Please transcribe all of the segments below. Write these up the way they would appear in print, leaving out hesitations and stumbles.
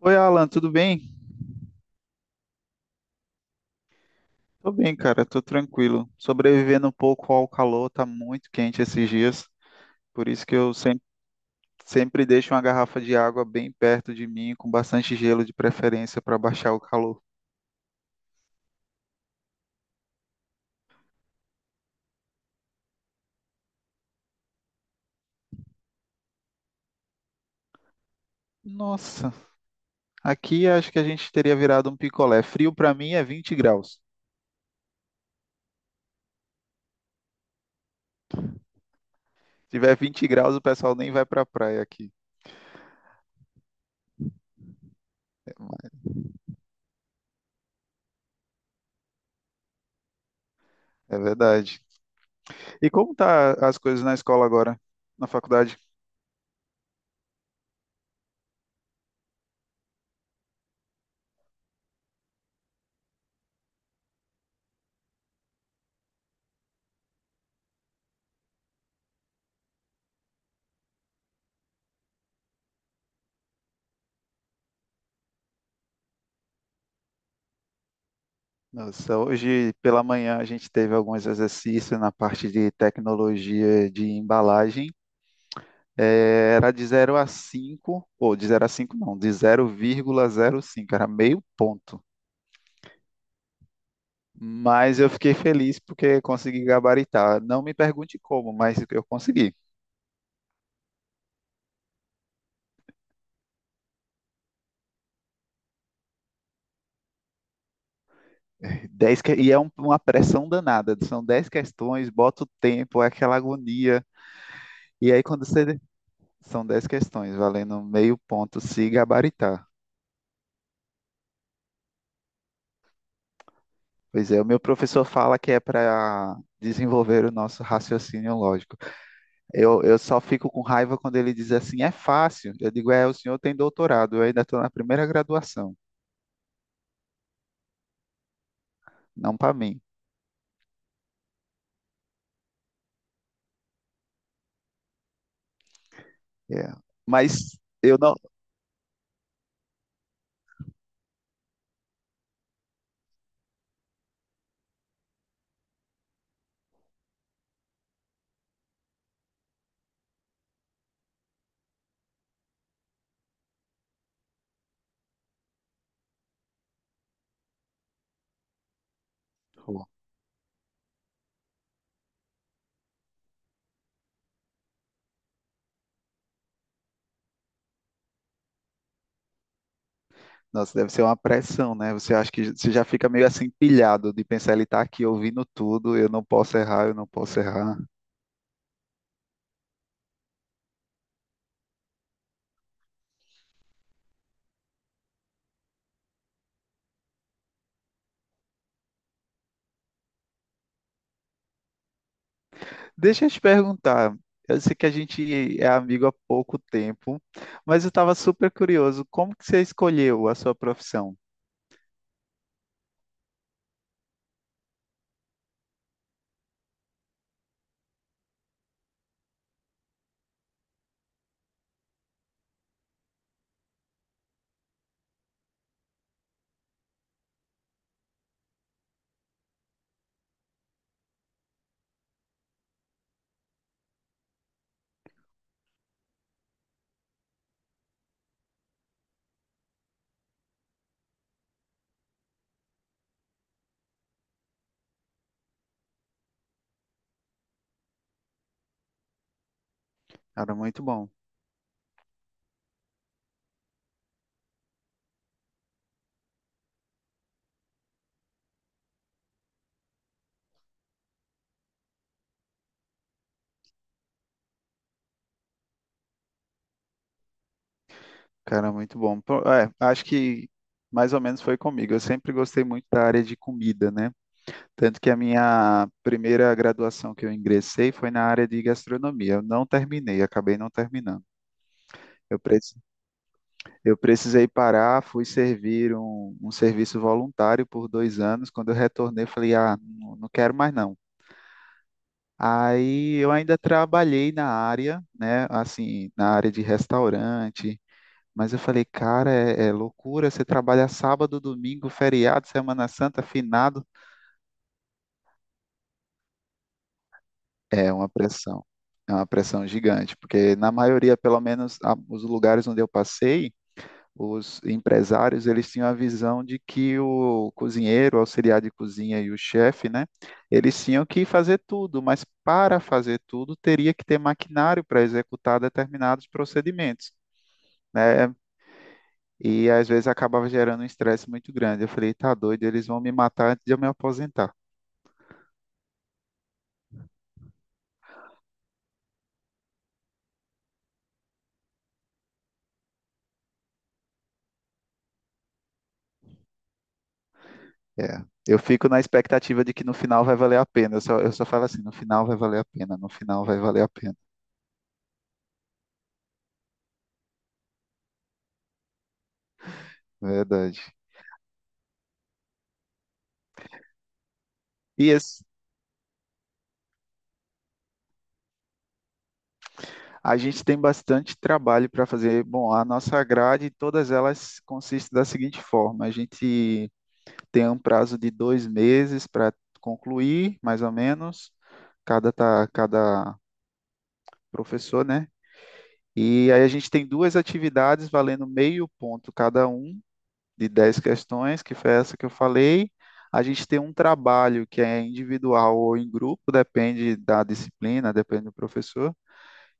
Oi, Alan, tudo bem? Tô bem, cara, tô tranquilo. Sobrevivendo um pouco ao calor, tá muito quente esses dias, por isso que eu sempre deixo uma garrafa de água bem perto de mim, com bastante gelo de preferência para baixar o calor. Nossa, aqui acho que a gente teria virado um picolé. Frio pra mim é 20 graus. Se tiver 20 graus, o pessoal nem vai pra praia aqui. É verdade. E como tá as coisas na escola agora, na faculdade? Nossa, hoje pela manhã a gente teve alguns exercícios na parte de tecnologia de embalagem. Era de zero a 5 ou de zero a 5 não, de zero zero vírgula zero cinco, era meio ponto. Mas eu fiquei feliz porque consegui gabaritar. Não me pergunte como, mas eu consegui. Dez que- E é um- uma pressão danada. São 10 questões, bota o tempo, é aquela agonia. E aí quando você... São 10 questões, valendo meio ponto se gabaritar. Pois é, o meu professor fala que é para desenvolver o nosso raciocínio lógico. Eu só fico com raiva quando ele diz assim, é fácil. Eu digo, o senhor tem doutorado, eu ainda estou na primeira graduação, não para mim. É. Mas eu não. Pô, nossa, deve ser uma pressão, né? Você acha que você já fica meio assim pilhado de pensar, ele está aqui ouvindo tudo, eu não posso errar, eu não posso errar. Deixa eu te perguntar. Eu sei que a gente é amigo há pouco tempo, mas eu estava super curioso. Como que você escolheu a sua profissão? Cara, muito bom. Cara, muito bom. Pô, acho que mais ou menos foi comigo. Eu sempre gostei muito da área de comida, né? Tanto que a minha primeira graduação que eu ingressei foi na área de gastronomia. Eu não terminei, acabei não terminando. Eu pre- Eu precisei parar, fui servir um serviço voluntário por 2 anos. Quando eu retornei, eu falei, ah, não, não quero mais não. Aí eu ainda trabalhei na área, né, assim, na área de restaurante, mas eu falei, cara, é loucura, você trabalha sábado, domingo, feriado, Semana Santa, finado. É uma pressão, é uma pressão gigante, porque na maioria, pelo menos os lugares onde eu passei, os empresários eles tinham a visão de que o cozinheiro, o auxiliar de cozinha e o chefe, né, eles tinham que fazer tudo, mas para fazer tudo teria que ter maquinário para executar determinados procedimentos, né? E às vezes acabava gerando um estresse muito grande. Eu falei, tá doido, eles vão me matar antes de eu me aposentar. É. Eu fico na expectativa de que no final vai valer a pena. Eu só falo assim, no final vai valer a pena, no final vai valer a pena. Verdade. E esse, a gente tem bastante trabalho para fazer. Bom, a nossa grade, todas elas consistem da seguinte forma: a gente tem um prazo de 2 meses para concluir, mais ou menos, cada professor, né? E aí a gente tem duas atividades valendo meio ponto cada um de 10 questões, que foi essa que eu falei. A gente tem um trabalho que é individual ou em grupo, depende da disciplina, depende do professor,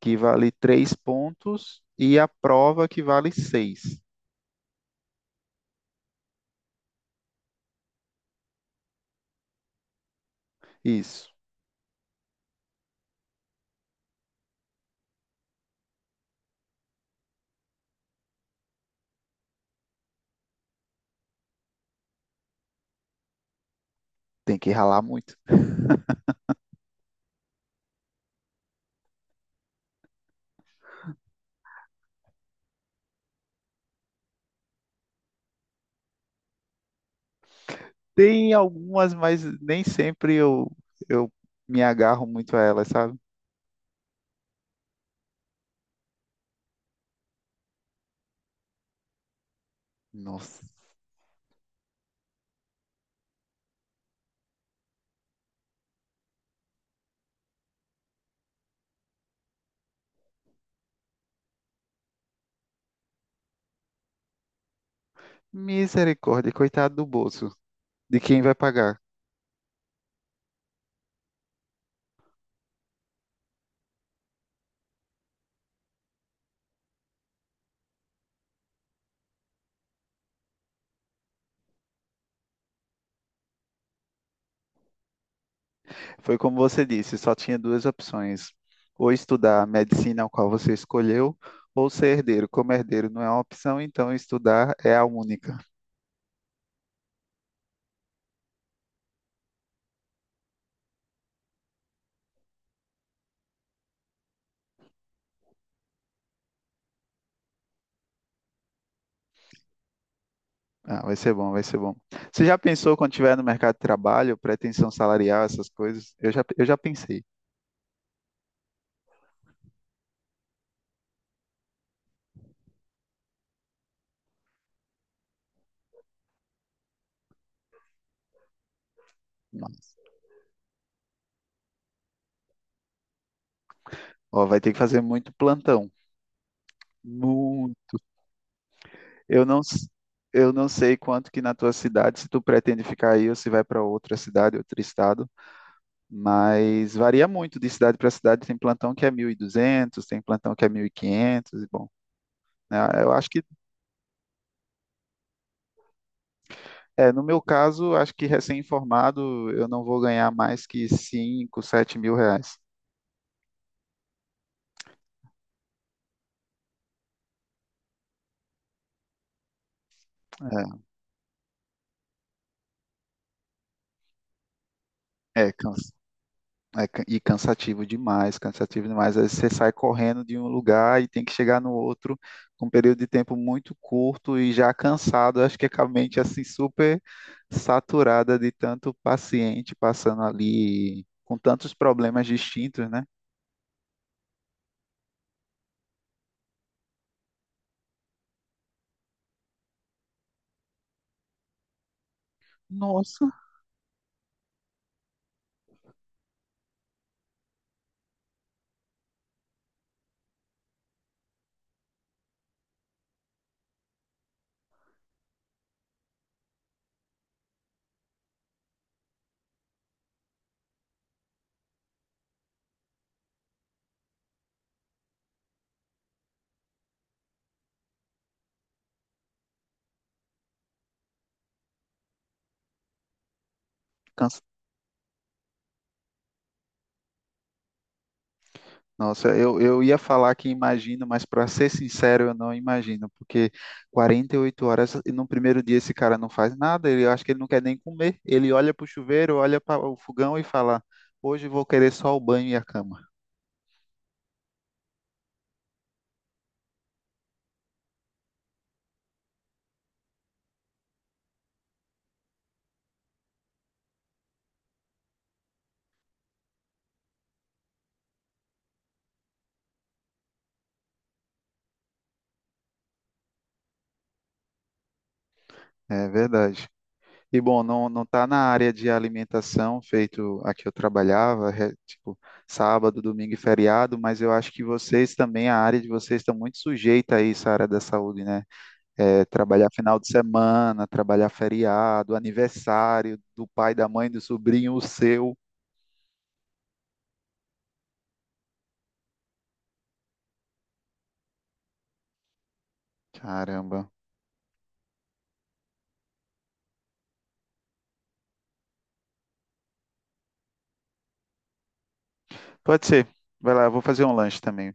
que vale 3 pontos e a prova que vale seis. Isso, tem que ralar muito. Tem algumas, mas nem sempre eu, me agarro muito a elas, sabe? Nossa, misericórdia, coitado do bolso, de quem vai pagar. Foi como você disse, só tinha duas opções: ou estudar a medicina ao qual você escolheu, ou ser herdeiro. Como herdeiro não é uma opção, então estudar é a única. Ah, vai ser bom, vai ser bom. Você já pensou quando estiver no mercado de trabalho, pretensão salarial, essas coisas? Eu já pensei. Ó, vai ter que fazer muito plantão. Muito. Eu não, s- eu não sei quanto que na tua cidade, se tu pretende ficar aí ou se vai para outra cidade, outro estado. Mas varia muito de cidade para cidade. Tem plantão que é 1.200, tem plantão que é 1.500 e bom, né, eu acho que, no meu caso, acho que recém-formado eu não vou ganhar mais que 5, 7 mil reais. É, é, cansa. É, e cansativo demais, cansativo demais. Às vezes você sai correndo de um lugar e tem que chegar no outro com um período de tempo muito curto e já cansado. Acho que é com a mente assim super saturada de tanto paciente passando ali com tantos problemas distintos, né? Nossa, Nossa, eu ia falar que imagino, mas para ser sincero, eu não imagino, porque 48 horas e no primeiro dia esse cara não faz nada, ele eu acho que ele não quer nem comer. Ele olha para o chuveiro, olha para o fogão e fala: Hoje vou querer só o banho e a cama. É verdade. E bom, não, não tá na área de alimentação, feito a que eu trabalhava, tipo, sábado, domingo e feriado, mas eu acho que vocês também, a área de vocês está muito sujeita a isso, a área da saúde, né? É, trabalhar final de semana, trabalhar feriado, aniversário do pai, da mãe, do sobrinho, o seu. Caramba. Pode ser. Vai lá, eu vou fazer um lanche também.